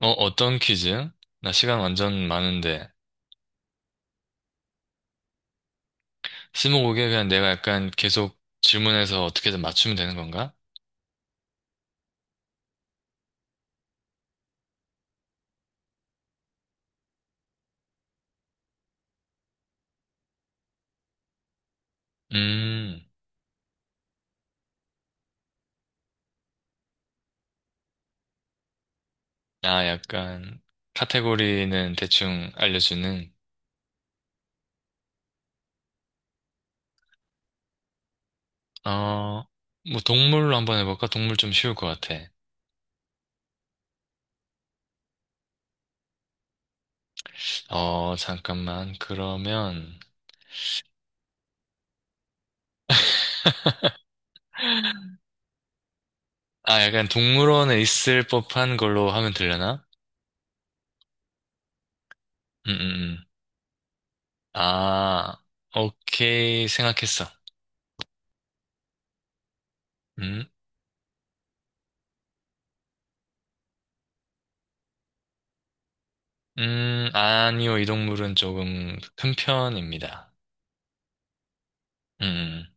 어떤 퀴즈? 나 시간 완전 많은데. 스무고개 그냥 내가 약간 계속 질문해서 어떻게든 맞추면 되는 건가? 음, 약간 카테고리는 대충 알려주는. 어, 뭐 동물로 한번 해볼까? 동물 좀 쉬울 것 같아. 어, 잠깐만. 그러면 아, 약간 동물원에 있을 법한 걸로 하면 되려나? 음, 음, 음. 아, 오케이. 생각했어. 음. 아니요, 이 동물은 조금 큰 편입니다. 음, 음.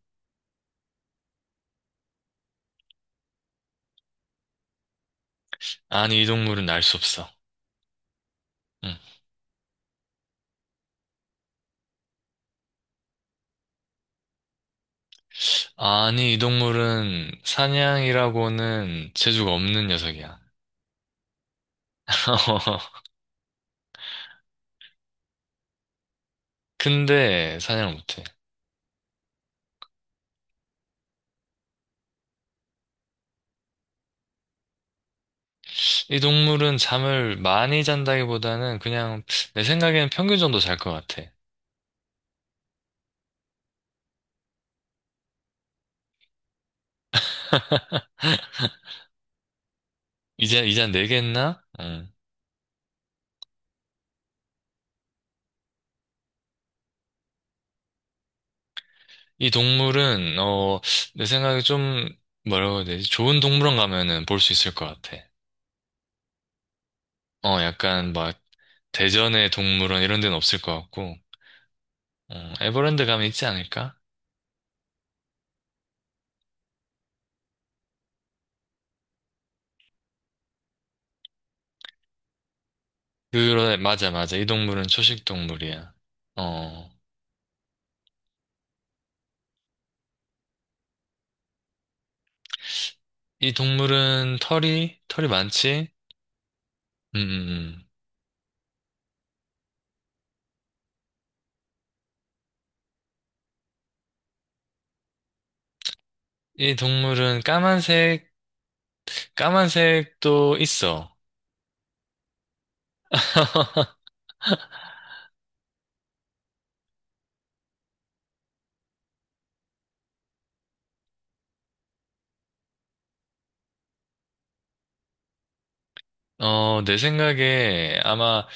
아니, 이 동물은 날 수 없어. 음. 아니, 이 동물은 사냥이라고는 재주가 없는 녀석이야. 근데 사냥을 못해. 이 동물은 잠을 많이 잔다기보다는 그냥 내 생각에는 평균 정도 잘 것 같아. 이제 4개 했나? 음. 이 동물은, 어, 내 생각에 좀, 뭐라고 해야 되지? 좋은 동물원 가면은 볼 수 있을 것 같아. 어, 약간 막 대전의 동물원 이런 데는 없을 것 같고, 어, 에버랜드 가면 있지 않을까? 그래, 맞아, 맞아. 이 동물은 초식 동물이야. 어, 이 동물은 털이 많지? 음, 음, 음. 이 동물은 까만색도 있어. 어, 내 생각에 아마,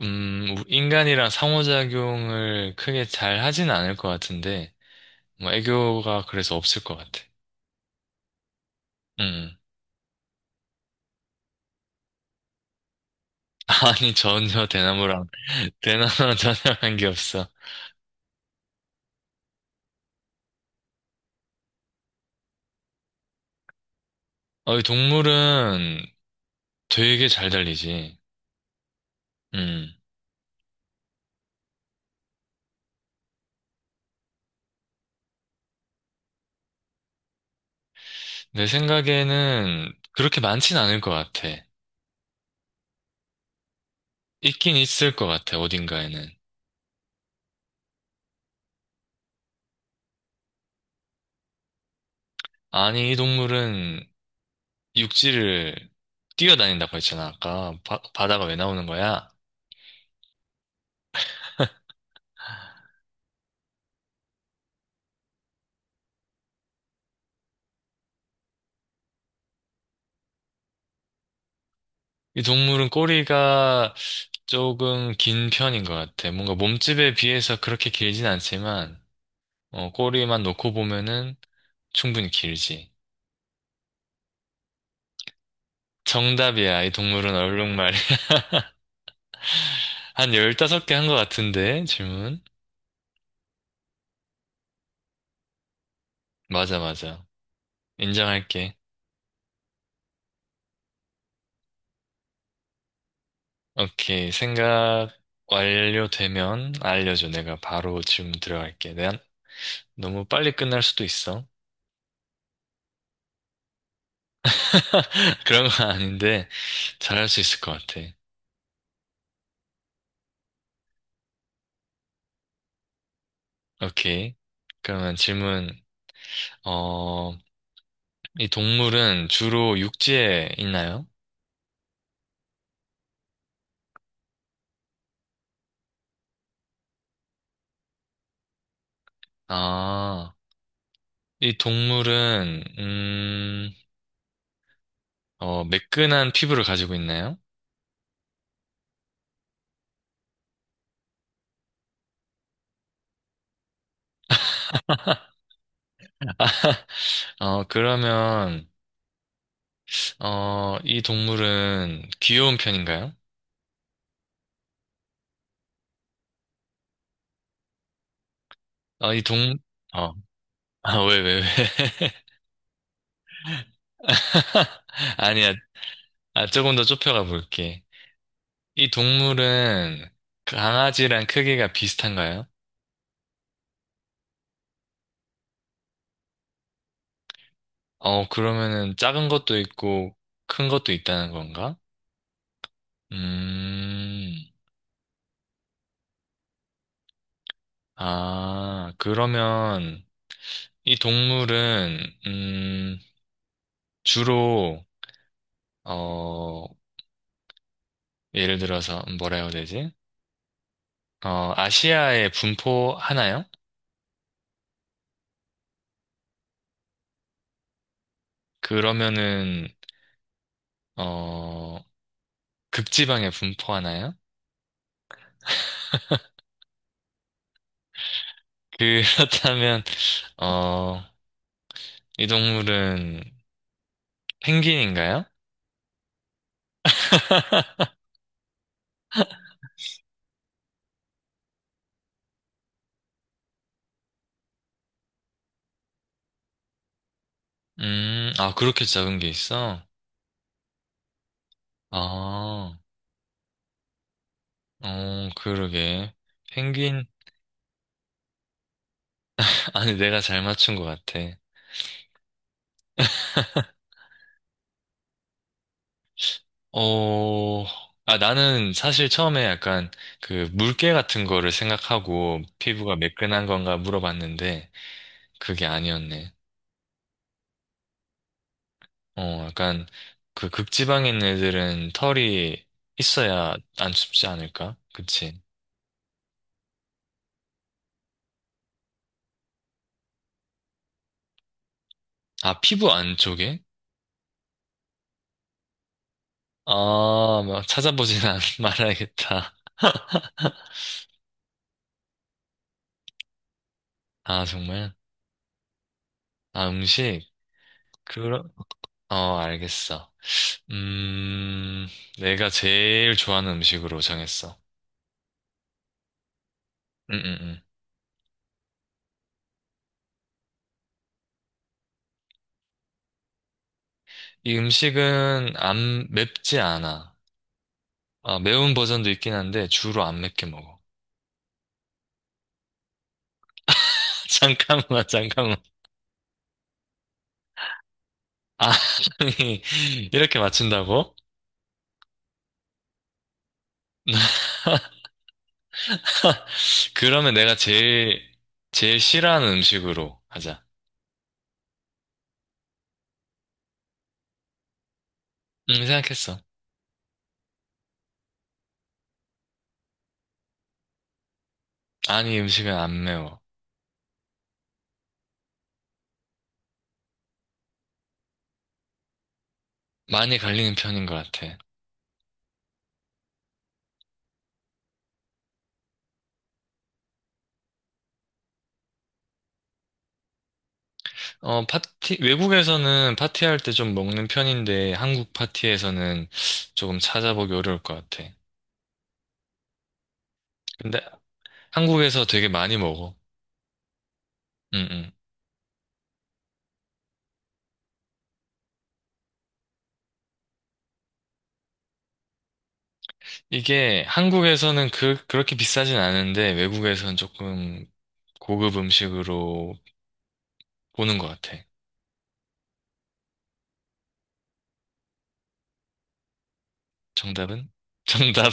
인간이랑 상호작용을 크게 잘 하진 않을 것 같은데, 뭐, 애교가 그래서 없을 것 같아. 음. 아니, 전혀 대나무랑 대나나전단한 게 없어. 어, 이 동물은 되게 잘 달리지. 음. 내 생각에는 그렇게 많진 않을 것 같아. 있긴 있을 것 같아, 어딘가에는. 아니, 이 동물은 육지를 뛰어다닌다고 했잖아, 아까. 바다가 왜 나오는 거야? 이 동물은 꼬리가 조금 긴 편인 것 같아. 뭔가 몸집에 비해서 그렇게 길진 않지만, 어, 꼬리만 놓고 보면은 충분히 길지. 정답이야, 이 동물은 얼룩말. 한 15개 한 것 같은데, 질문. 맞아, 맞아. 인정할게. 오케이. 생각 완료되면 알려줘. 내가 바로 지금 들어갈게. 내가 너무 빨리 끝날 수도 있어. 그런 건 아닌데, 잘할 수 있을 것 같아. 오케이. 그러면 질문, 어, 이 동물은 주로 육지에 있나요? 아, 이 동물은, 어, 매끈한 피부를 가지고 있나요? 어, 그러면, 어, 이 동물은 귀여운 편인가요? 어, 이 동, 어, 아, 왜, 왜, 왜. 아니야. 아, 조금 더 좁혀가 볼게. 이 동물은 강아지랑 크기가 비슷한가요? 어, 그러면은 작은 것도 있고 큰 것도 있다는 건가? 음, 아, 그러면 이 동물은, 음, 주로, 어, 예를 들어서 뭐라 해야 되지? 어, 아시아에 분포하나요? 그러면은, 어, 극지방에 분포하나요? 그렇다면, 어, 이 동물은 펭귄인가요? 아, 그렇게 작은 게 있어? 아, 어, 그러게. 펭귄, 아니, 내가 잘 맞춘 것 같아. 어, 아, 나는 사실 처음에 약간 그 물개 같은 거를 생각하고 피부가 매끈한 건가 물어봤는데, 그게 아니었네. 어, 약간 그 극지방에 있는 애들은 털이 있어야 안 춥지 않을까? 그치? 아, 피부 안쪽에? 아, 막 말아야겠다. 아, 정말? 아, 음식? 그러, 어, 알겠어. 음, 내가 제일 좋아하는 음식으로 정했어. 음, 음, 음. 이 음식은 안 맵지 않아. 아, 매운 버전도 있긴 한데 주로 안 맵게 먹어. 잠깐만, 잠깐만. 아, 아니, 이렇게 맞춘다고? 그러면 내가 제일 싫어하는 음식으로 하자. 응, 생각했어. 아니, 음식은 안 매워. 많이 갈리는 편인 것 같아. 어, 파티, 외국에서는 파티할 때 좀 먹는 편인데, 한국 파티에서는 조금 찾아보기 어려울 것 같아. 근데 한국에서 되게 많이 먹어. 응. 이게 한국에서는 그렇게 비싸진 않은데, 외국에서는 조금 고급 음식으로 보는 것 같아. 정답은? 정답.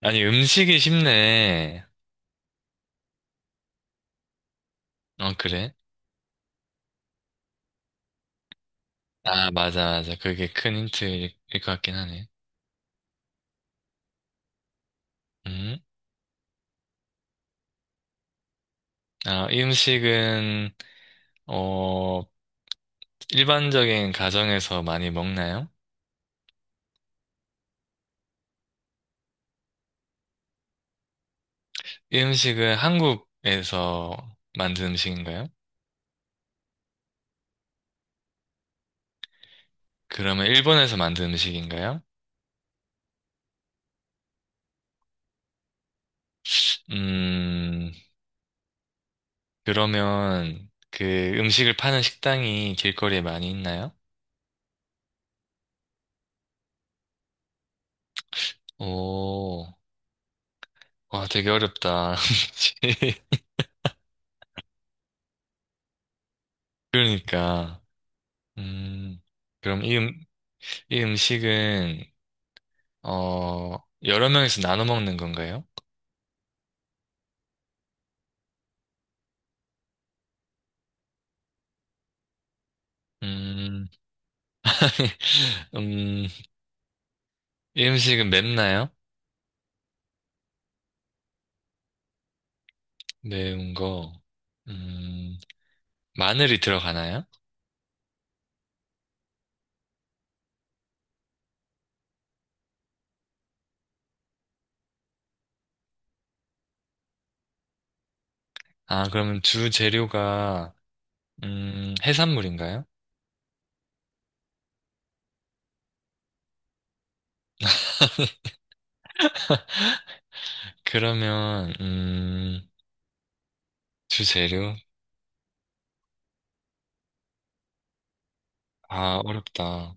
아니, 음식이 쉽네. 어, 그래? 아, 맞아, 맞아. 그게 큰 힌트일 것 같긴 하네. 음? 아, 이 음식은, 어, 일반적인 가정에서 많이 먹나요? 이 음식은 한국에서 만든 음식인가요? 그러면 일본에서 만든 음식인가요? 음, 그러면 그 음식을 파는 식당이 길거리에 많이 있나요? 오, 와, 되게 어렵다. 그러니까. 음, 그럼 이, 이 음식은, 어, 여러 명이서 나눠 먹는 건가요? 음, 음, 이 음식은 맵나요? 매운 거. 음, 마늘이 들어가나요? 아, 그러면 주 재료가, 해산물인가요? 그러면, 주 재료? 아, 어렵다.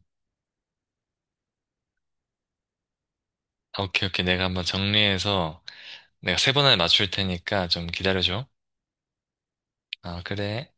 아, 오케이, 오케이. 내가 한번 정리해서 내가 3번 안에 맞출 테니까 좀 기다려줘. 아, 그래.